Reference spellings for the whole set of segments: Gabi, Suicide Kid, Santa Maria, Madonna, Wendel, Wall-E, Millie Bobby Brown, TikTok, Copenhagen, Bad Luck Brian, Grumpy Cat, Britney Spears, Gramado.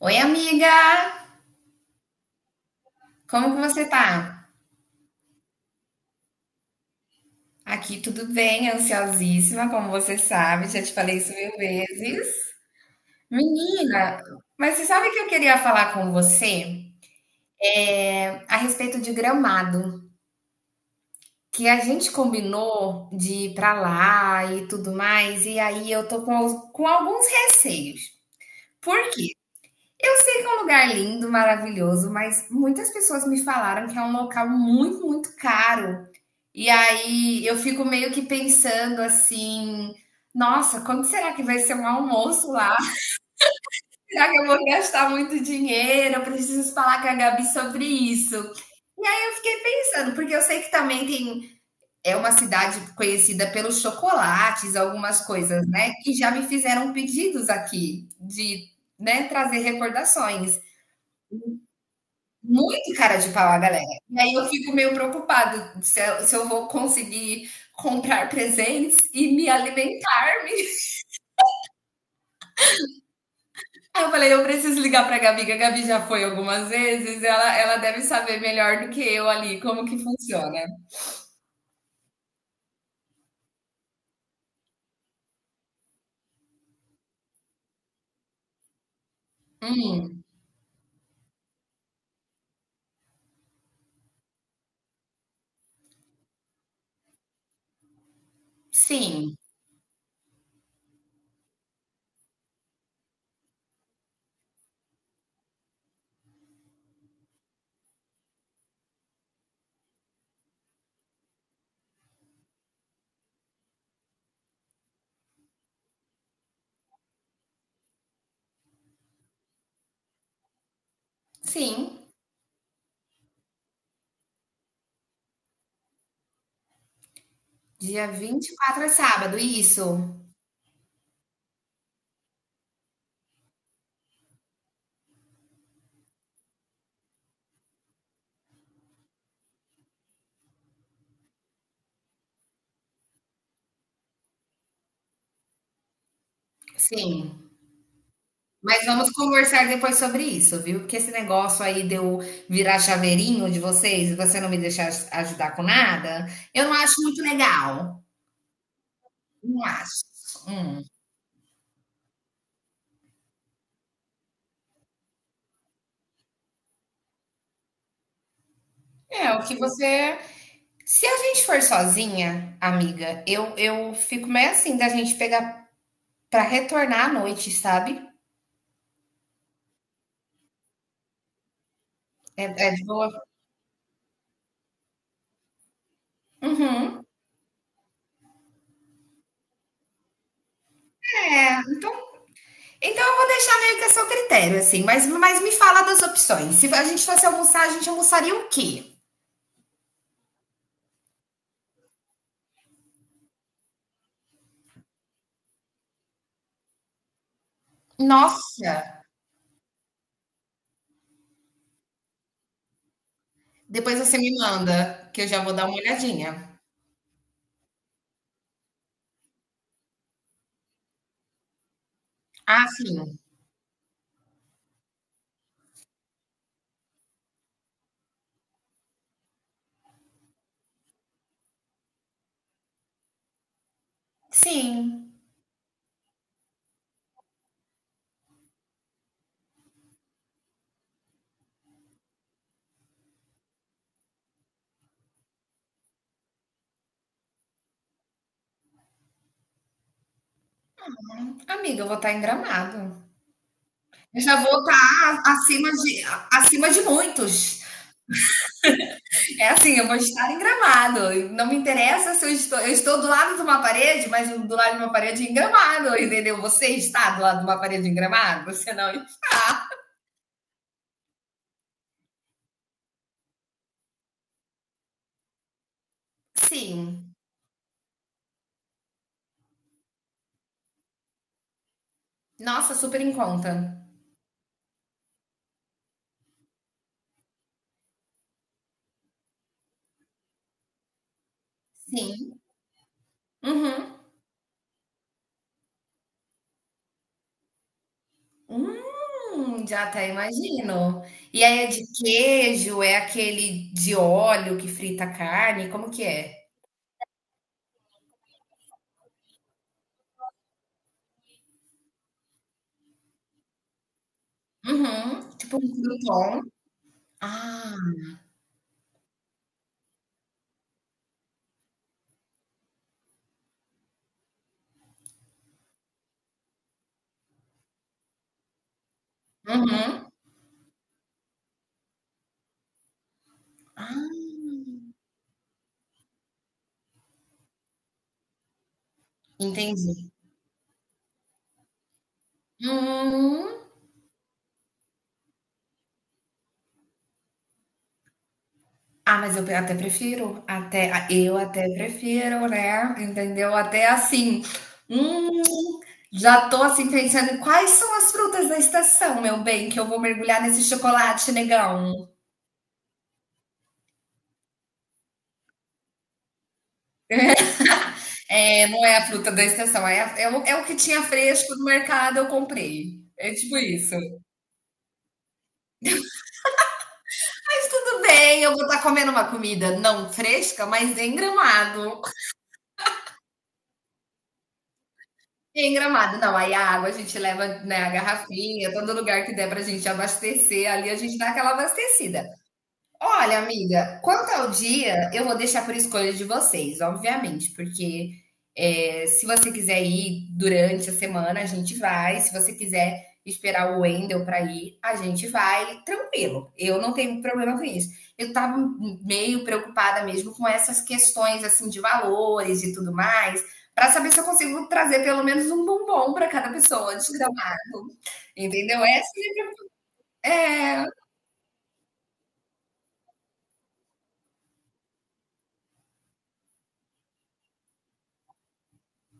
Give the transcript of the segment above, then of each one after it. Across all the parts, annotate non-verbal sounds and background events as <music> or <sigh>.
Oi, amiga! Como que você tá? Aqui tudo bem, ansiosíssima, como você sabe, já te falei isso mil vezes. Menina, mas você sabe que eu queria falar com você a respeito de Gramado, que a gente combinou de ir pra lá e tudo mais, e aí eu tô com, com alguns receios. Por quê? Eu sei que é um lugar lindo, maravilhoso, mas muitas pessoas me falaram que é um local muito, muito caro. E aí eu fico meio que pensando assim: nossa, quando será que vai ser um almoço lá? Será que eu vou gastar muito dinheiro? Eu preciso falar com a Gabi sobre isso. Aí eu fiquei pensando, porque eu sei que também tem. É uma cidade conhecida pelos chocolates, algumas coisas, né? Que já me fizeram pedidos aqui de, né, trazer recordações. Muito cara de pau a galera. E aí eu fico meio preocupada se eu vou conseguir comprar presentes e me alimentar-me. <laughs> Aí eu falei, eu preciso ligar pra Gabi, que a Gabi já foi algumas vezes, ela deve saber melhor do que eu ali como que funciona. Hum, sim, sim. Dia 24 é sábado, isso. Sim. Mas vamos conversar depois sobre isso, viu? Porque esse negócio aí de eu virar chaveirinho de vocês e você não me deixar ajudar com nada, eu não acho muito legal. Não acho. Hum. É, o que você. Se a gente for sozinha, amiga, eu fico meio assim da gente pegar pra retornar à noite, sabe? É, é de boa. Uhum. É, então, então eu vou deixar meio que a seu critério, assim, mas me fala das opções. Se a gente fosse almoçar, a gente almoçaria o quê? Nossa! Depois você me manda, que eu já vou dar uma olhadinha. Ah, sim. Sim. Amiga, eu vou estar em Gramado. Eu já vou estar acima de muitos. É assim, eu vou estar em Gramado. Não me interessa se eu estou, eu estou do lado de uma parede, mas do lado de uma parede em Gramado, entendeu? Você está do lado de uma parede em Gramado? Você não está. Sim. Nossa, super em conta. Sim. Uhum. Já até imagino. E aí é de queijo? É aquele de óleo que frita a carne? Como que é? Uhum, tipo um crouton. Ah, uhum. Ah, entendi. Hum. Ah, mas eu até prefiro, até eu até prefiro, né? Entendeu? Até assim. Hum, já tô assim pensando em quais são as frutas da estação, meu bem, que eu vou mergulhar nesse chocolate negão. É, não é a fruta da estação, é, é o que tinha fresco no mercado, eu comprei. É tipo isso. Mas tudo bem, eu vou estar comendo uma comida não fresca, mas em Gramado. Em Gramado, não, aí a água a gente leva, né, a garrafinha, todo lugar que der pra gente abastecer, ali a gente dá aquela abastecida. Olha, amiga, quanto ao dia, eu vou deixar por escolha de vocês, obviamente, porque é, se você quiser ir durante a semana, a gente vai. Se você quiser esperar o Wendel para ir, a gente vai. Tranquilo, eu não tenho problema com isso. Eu estava meio preocupada mesmo com essas questões assim de valores e tudo mais, para saber se eu consigo trazer pelo menos um bombom para cada pessoa de gramado, entendeu?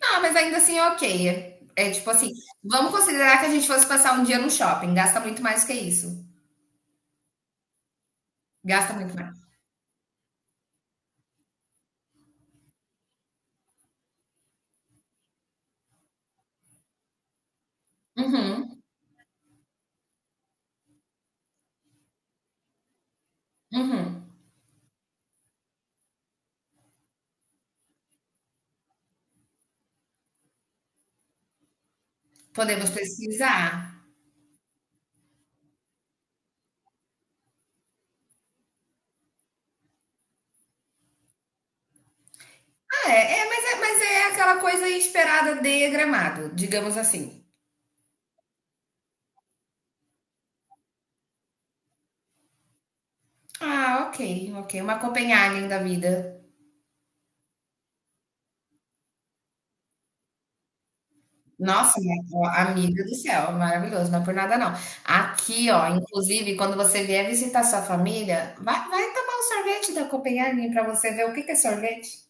Ah, mas ainda assim é ok. É tipo assim, vamos considerar que a gente fosse passar um dia no shopping. Gasta muito mais que isso. Gasta muito mais. Uhum, uhum. Podemos pesquisar. Ah, é, mas é aquela coisa esperada de Gramado, digamos assim. Ah, ok, ok. Uma Copenhagen da vida. Nossa, minha- ó, amiga do céu, maravilhoso, não é por nada não. Aqui, ó, inclusive, quando você vier visitar sua família, vai, vai tomar um sorvete da Copenhagen para você ver o que que é sorvete.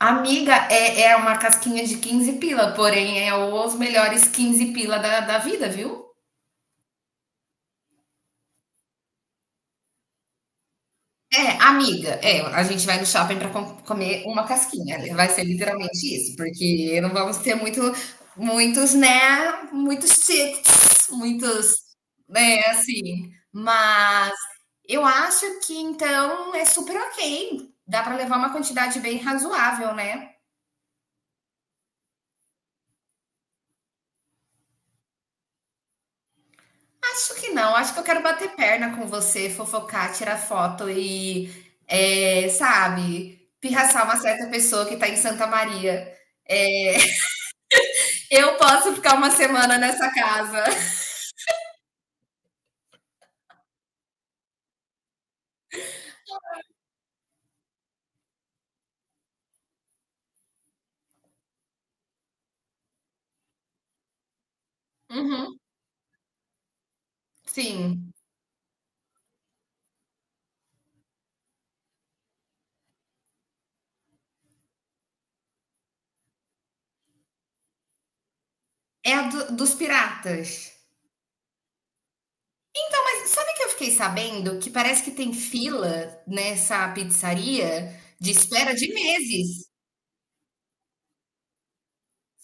Amiga, é, é uma casquinha de 15 pila, porém é os melhores 15 pila da, da vida, viu? É, amiga, é, a gente vai no shopping para comer uma casquinha. Né? Vai ser literalmente isso, porque não vamos ter muito, muitos, né? Muitos tips, muitos, né, assim. Mas eu acho que então é super ok. Dá para levar uma quantidade bem razoável, né? Acho que não, acho que eu quero bater perna com você, fofocar, tirar foto e, é, sabe, pirraçar uma certa pessoa que tá em Santa Maria. Eu posso ficar uma semana nessa casa. Uhum, sim. É a dos piratas. Então, mas sabe que eu fiquei sabendo que parece que tem fila nessa pizzaria de espera de meses.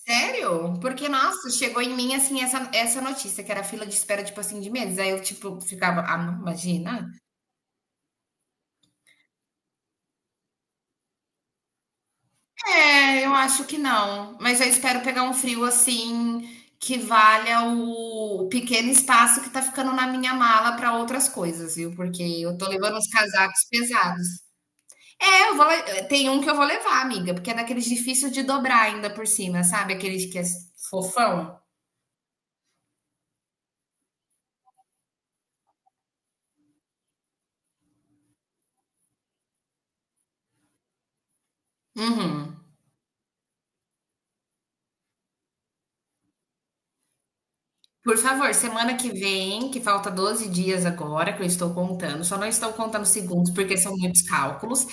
Sério? Porque, nossa, chegou em mim assim essa, notícia, que era fila de espera, tipo assim, de meses. Aí eu, tipo, ficava, ah, não, imagina. É, eu acho que não. Mas eu espero pegar um frio assim que valha o pequeno espaço que tá ficando na minha mala para outras coisas, viu? Porque eu tô levando uns casacos pesados. É, tem um que eu vou levar, amiga, porque é daqueles difícil de dobrar ainda por cima, sabe? Aqueles que é fofão. Uhum. Por favor, semana que vem, que falta 12 dias agora, que eu estou contando, só não estou contando segundos porque são muitos cálculos,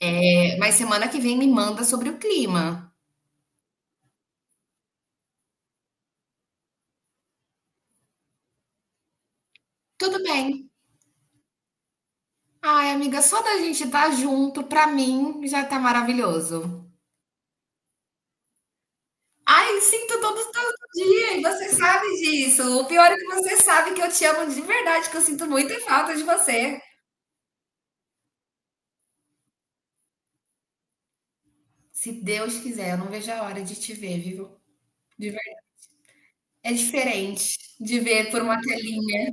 é, mas semana que vem me manda sobre o clima. Tudo bem. Ai, amiga, só da gente estar junto, pra mim, já tá maravilhoso. Ai, sinto todo, todo dia, e você sabe disso. O pior é que você sabe que eu te amo de verdade, que eu sinto muita falta de você. Se Deus quiser, eu não vejo a hora de te ver, viu? De verdade. É diferente de ver por uma telinha.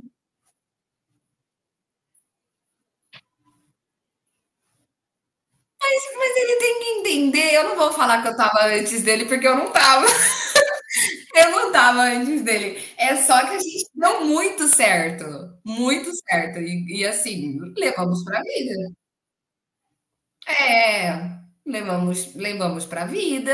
Mas ele tem que entender. Eu não vou falar que eu tava antes dele, porque eu não tava. Eu não tava antes dele. É só que a gente deu muito certo. Muito certo. E assim, levamos pra vida. É, levamos pra vida.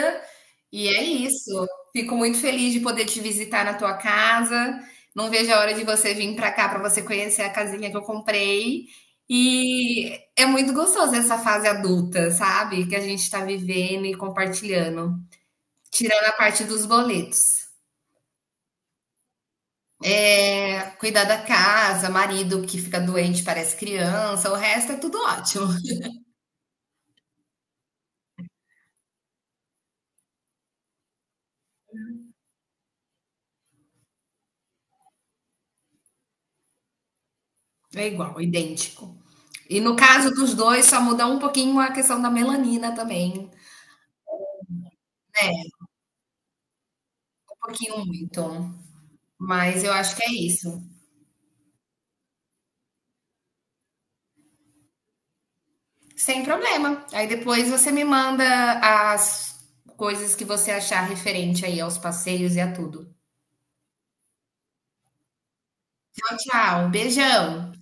E é isso. Fico muito feliz de poder te visitar na tua casa. Não vejo a hora de você vir pra cá pra você conhecer a casinha que eu comprei. E é muito gostoso essa fase adulta, sabe? Que a gente tá vivendo e compartilhando. Tirando a parte dos boletos. É, cuidar da casa, marido que fica doente, parece criança, o resto é tudo ótimo. É igual, idêntico. E no caso dos dois, só muda um pouquinho a questão da melanina também, né? Um pouquinho muito. Mas eu acho que é isso. Sem problema. Aí depois você me manda as coisas que você achar referente aí aos passeios e a tudo. Tchau, tchau. Beijão.